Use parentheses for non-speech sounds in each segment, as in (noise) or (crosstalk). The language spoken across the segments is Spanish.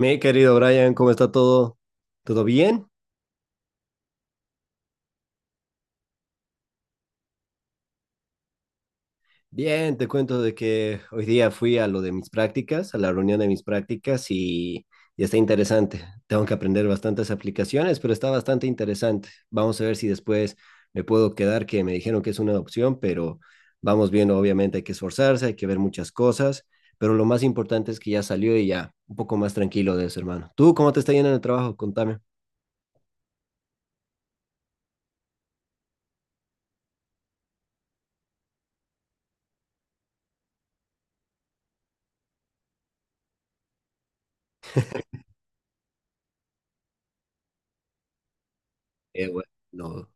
Mi querido Brian, ¿cómo está todo? ¿Todo bien? Bien, te cuento de que hoy día fui a lo de mis prácticas, a la reunión de mis prácticas y está interesante. Tengo que aprender bastantes aplicaciones, pero está bastante interesante. Vamos a ver si después me puedo quedar, que me dijeron que es una opción, pero vamos viendo, obviamente hay que esforzarse, hay que ver muchas cosas, pero lo más importante es que ya salió y ya un poco más tranquilo de eso, hermano. ¿Tú cómo te está yendo en el trabajo? Contame. Bueno, no.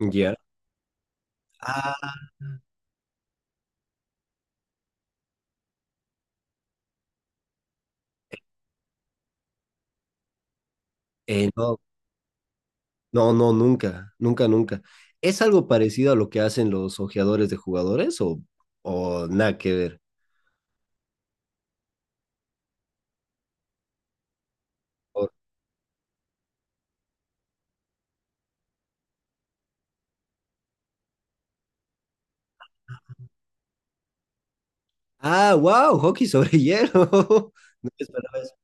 Ya. Ah, no. No, no, nunca, nunca, nunca. ¿Es algo parecido a lo que hacen los ojeadores de jugadores o nada que ver? O- Ah, wow, hockey sobre hielo. (laughs) No me esperaba eso.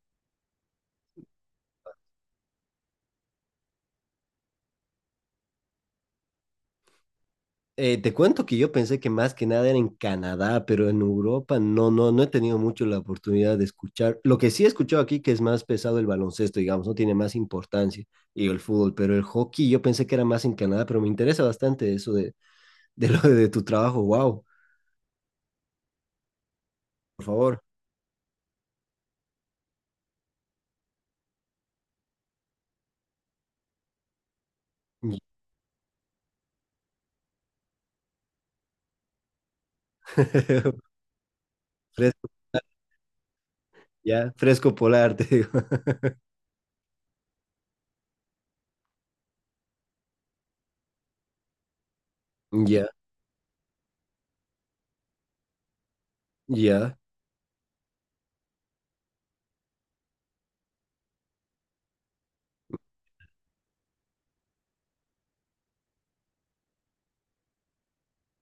Te cuento que yo pensé que más que nada era en Canadá, pero en Europa no, no, no he tenido mucho la oportunidad de escuchar. Lo que sí he escuchado aquí que es más pesado el baloncesto, digamos, no tiene más importancia y el fútbol, pero el hockey yo pensé que era más en Canadá, pero me interesa bastante eso de lo de tu trabajo. Wow, por favor. (laughs) Fresco, ya, fresco polar, (laughs) te digo. Ya, ya,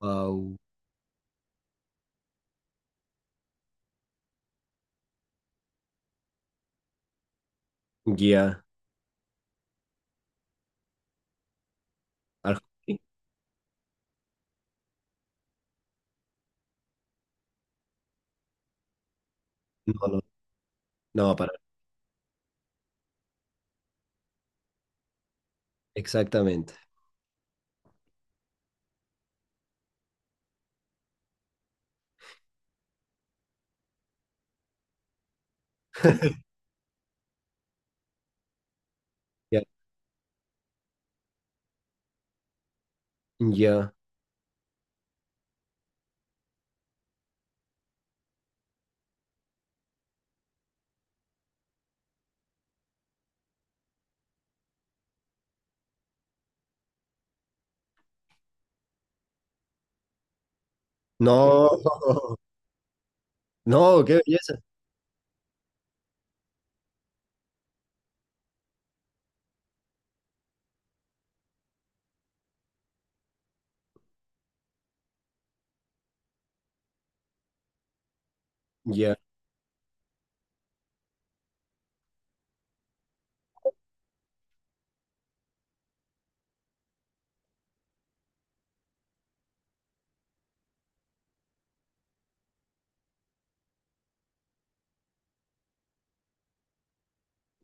wow, ya. Arjona, no, no, no, para. Exactamente. Ya, ya. No, (laughs) no, qué belleza. Ya,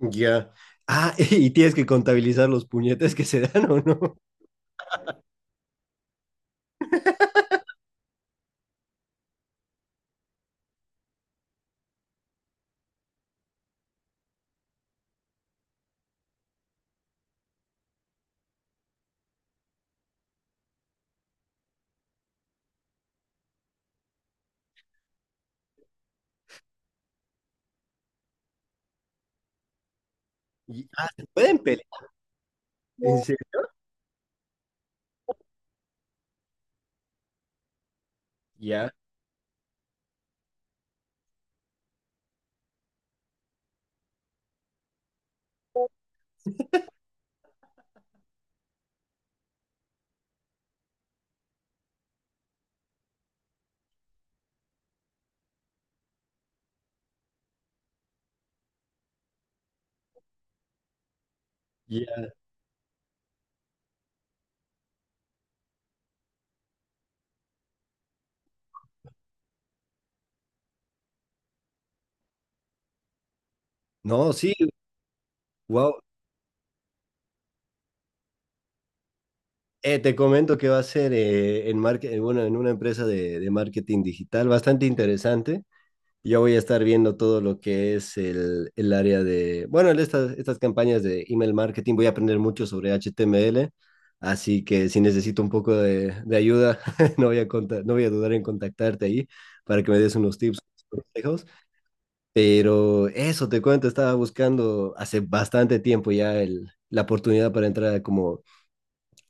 ya. Ah, (laughs) y tienes que contabilizar los puñetes que se dan o no. Ah, se pueden pelear. En serio. Ya, ya. No, sí, wow. Te comento que va a ser en market, bueno, en una empresa de marketing digital bastante interesante. Yo voy a estar viendo todo lo que es el área de, bueno, estas campañas de email marketing. Voy a aprender mucho sobre HTML, así que si necesito un poco de ayuda, (laughs) no voy a dudar en contactarte ahí para que me des unos tips, unos consejos. Pero eso te cuento, estaba buscando hace bastante tiempo ya la oportunidad para entrar como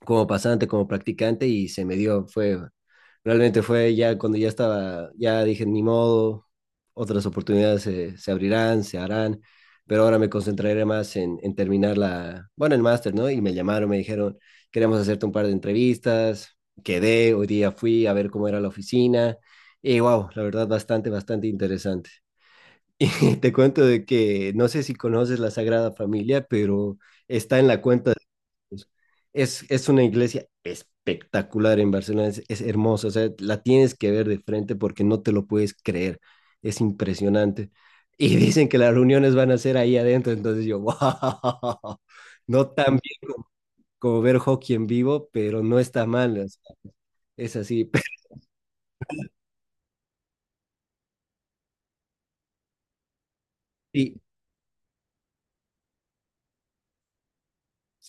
como pasante, como practicante y se me dio, realmente fue ya cuando ya estaba, ya dije, ni modo, otras oportunidades se abrirán, se harán, pero ahora me concentraré más en terminar bueno, el máster, ¿no? Y me llamaron, me dijeron, queremos hacerte un par de entrevistas, quedé, hoy día fui a ver cómo era la oficina y wow, la verdad bastante, bastante interesante. (laughs) Y te cuento de que no sé si conoces la Sagrada Familia, pero está en la cuenta pues, es una iglesia espectacular en Barcelona, es hermosa, o sea, la tienes que ver de frente porque no te lo puedes creer, es impresionante. Y (laughs) dicen que las reuniones van a ser ahí adentro, entonces yo, (laughs) wow, no tan bien como ver hockey en vivo, pero no está mal, o sea, es así. (laughs) Y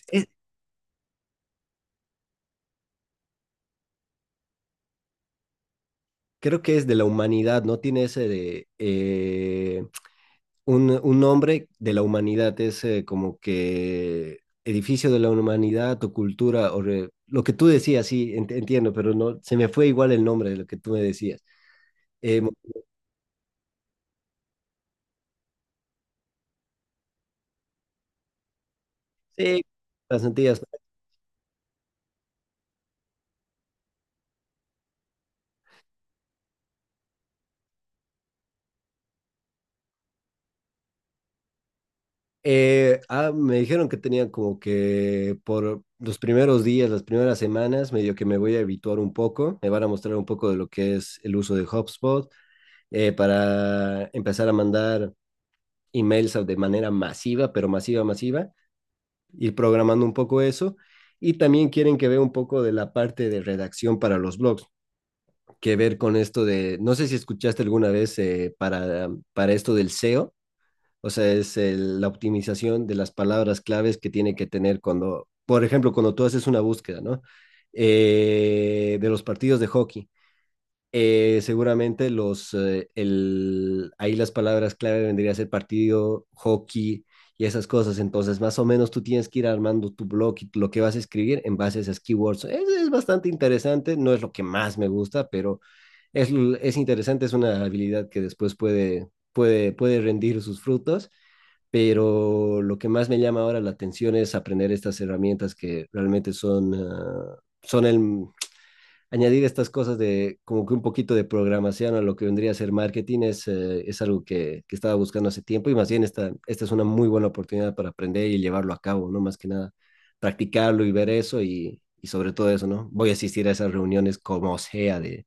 es- Creo que es de la humanidad, ¿no? Tiene ese de, un nombre de la humanidad, es como que edificio de la humanidad o cultura, lo que tú decías, sí, entiendo, pero no, se me fue igual el nombre de lo que tú me decías. Eh, mo- sí, las Antillas. ¿No? Me dijeron que tenía como que por los primeros días, las primeras semanas, medio que me voy a habituar un poco, me van a mostrar un poco de lo que es el uso de HubSpot para empezar a mandar emails de manera masiva, pero masiva, masiva ir programando un poco eso. Y también quieren que vea un poco de la parte de redacción para los blogs, que ver con esto de, no sé si escuchaste alguna vez para, para esto del SEO, o sea, la optimización de las palabras claves que tiene que tener cuando, por ejemplo, cuando tú haces una búsqueda, ¿no? De los partidos de hockey seguramente ahí las palabras clave vendría a ser partido, hockey y esas cosas. Entonces, más o menos tú tienes que ir armando tu blog y lo que vas a escribir en base a esas keywords. Es bastante interesante, no es lo que más me gusta, pero es interesante, es una habilidad que después puede, puede, puede rendir sus frutos. Pero lo que más me llama ahora la atención es aprender estas herramientas que realmente son, son añadir estas cosas de como que un poquito de programación a lo que vendría a ser marketing es algo que estaba buscando hace tiempo y más bien esta es una muy buena oportunidad para aprender y llevarlo a cabo, ¿no? Más que nada, practicarlo y ver eso y sobre todo eso, ¿no? Voy a asistir a esas reuniones como sea de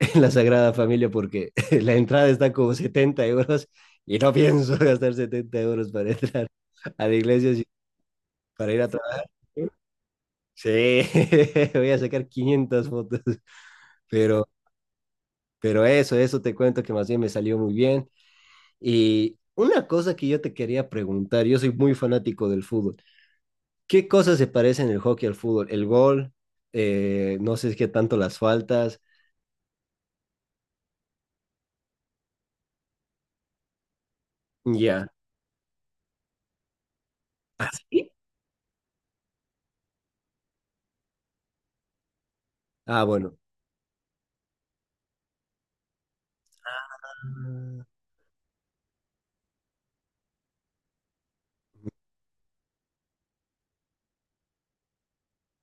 (laughs) en la Sagrada Familia porque (laughs) la entrada está como 70 euros y no pienso (laughs) gastar 70 euros para entrar a la iglesia para ir a trabajar. Sí, (laughs) voy a sacar 500 fotos, pero Pero eso, eso te cuento que más bien me salió muy bien. Y una cosa que yo te quería preguntar, yo soy muy fanático del fútbol. ¿Qué cosas se parecen el hockey al fútbol? El gol, no sé qué tanto las faltas. Ya. ¿Ah, sí? Ah, bueno. Ah,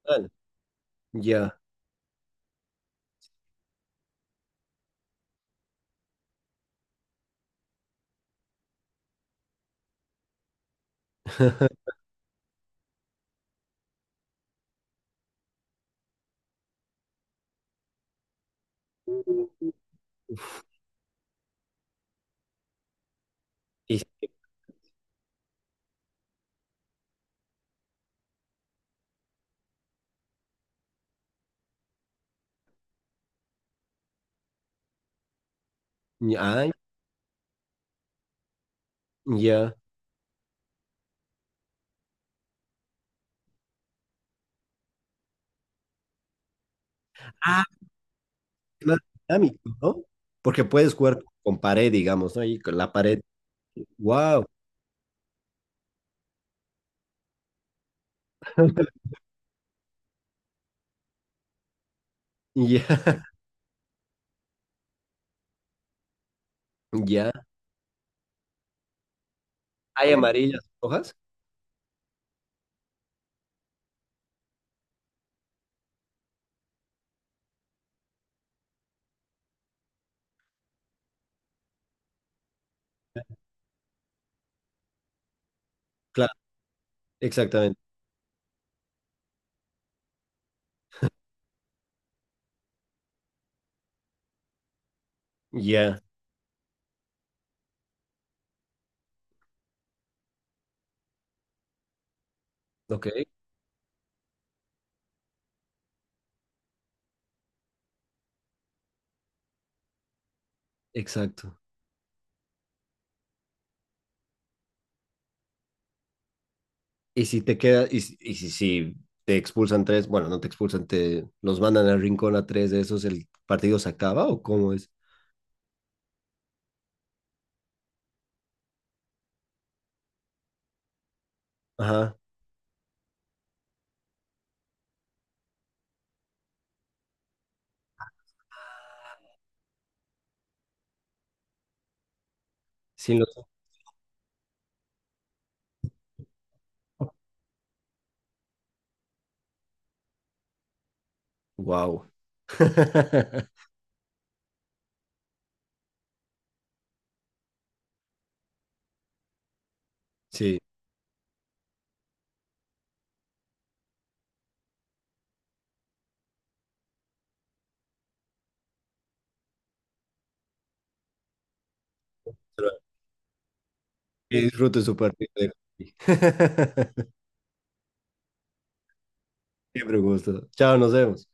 vale, ya. (laughs) Y- ah, ya. Ah, es más dinámico, ¿no? Porque puedes jugar con pared, digamos, ¿no? Y con la pared. Wow. Ya, (laughs) ya. ¿Hay amarillas, rojas? Claro, exactamente. Ya, ok, exacto. Y si te queda, y si- Si te expulsan tres, bueno, no te expulsan, te los mandan al rincón a tres de esos, ¿el partido se acaba o cómo es? Ajá, sin los... Wow. (laughs) Sí, pero que disfruten su partido. De- (laughs) Siempre un gusto. Chao, nos vemos.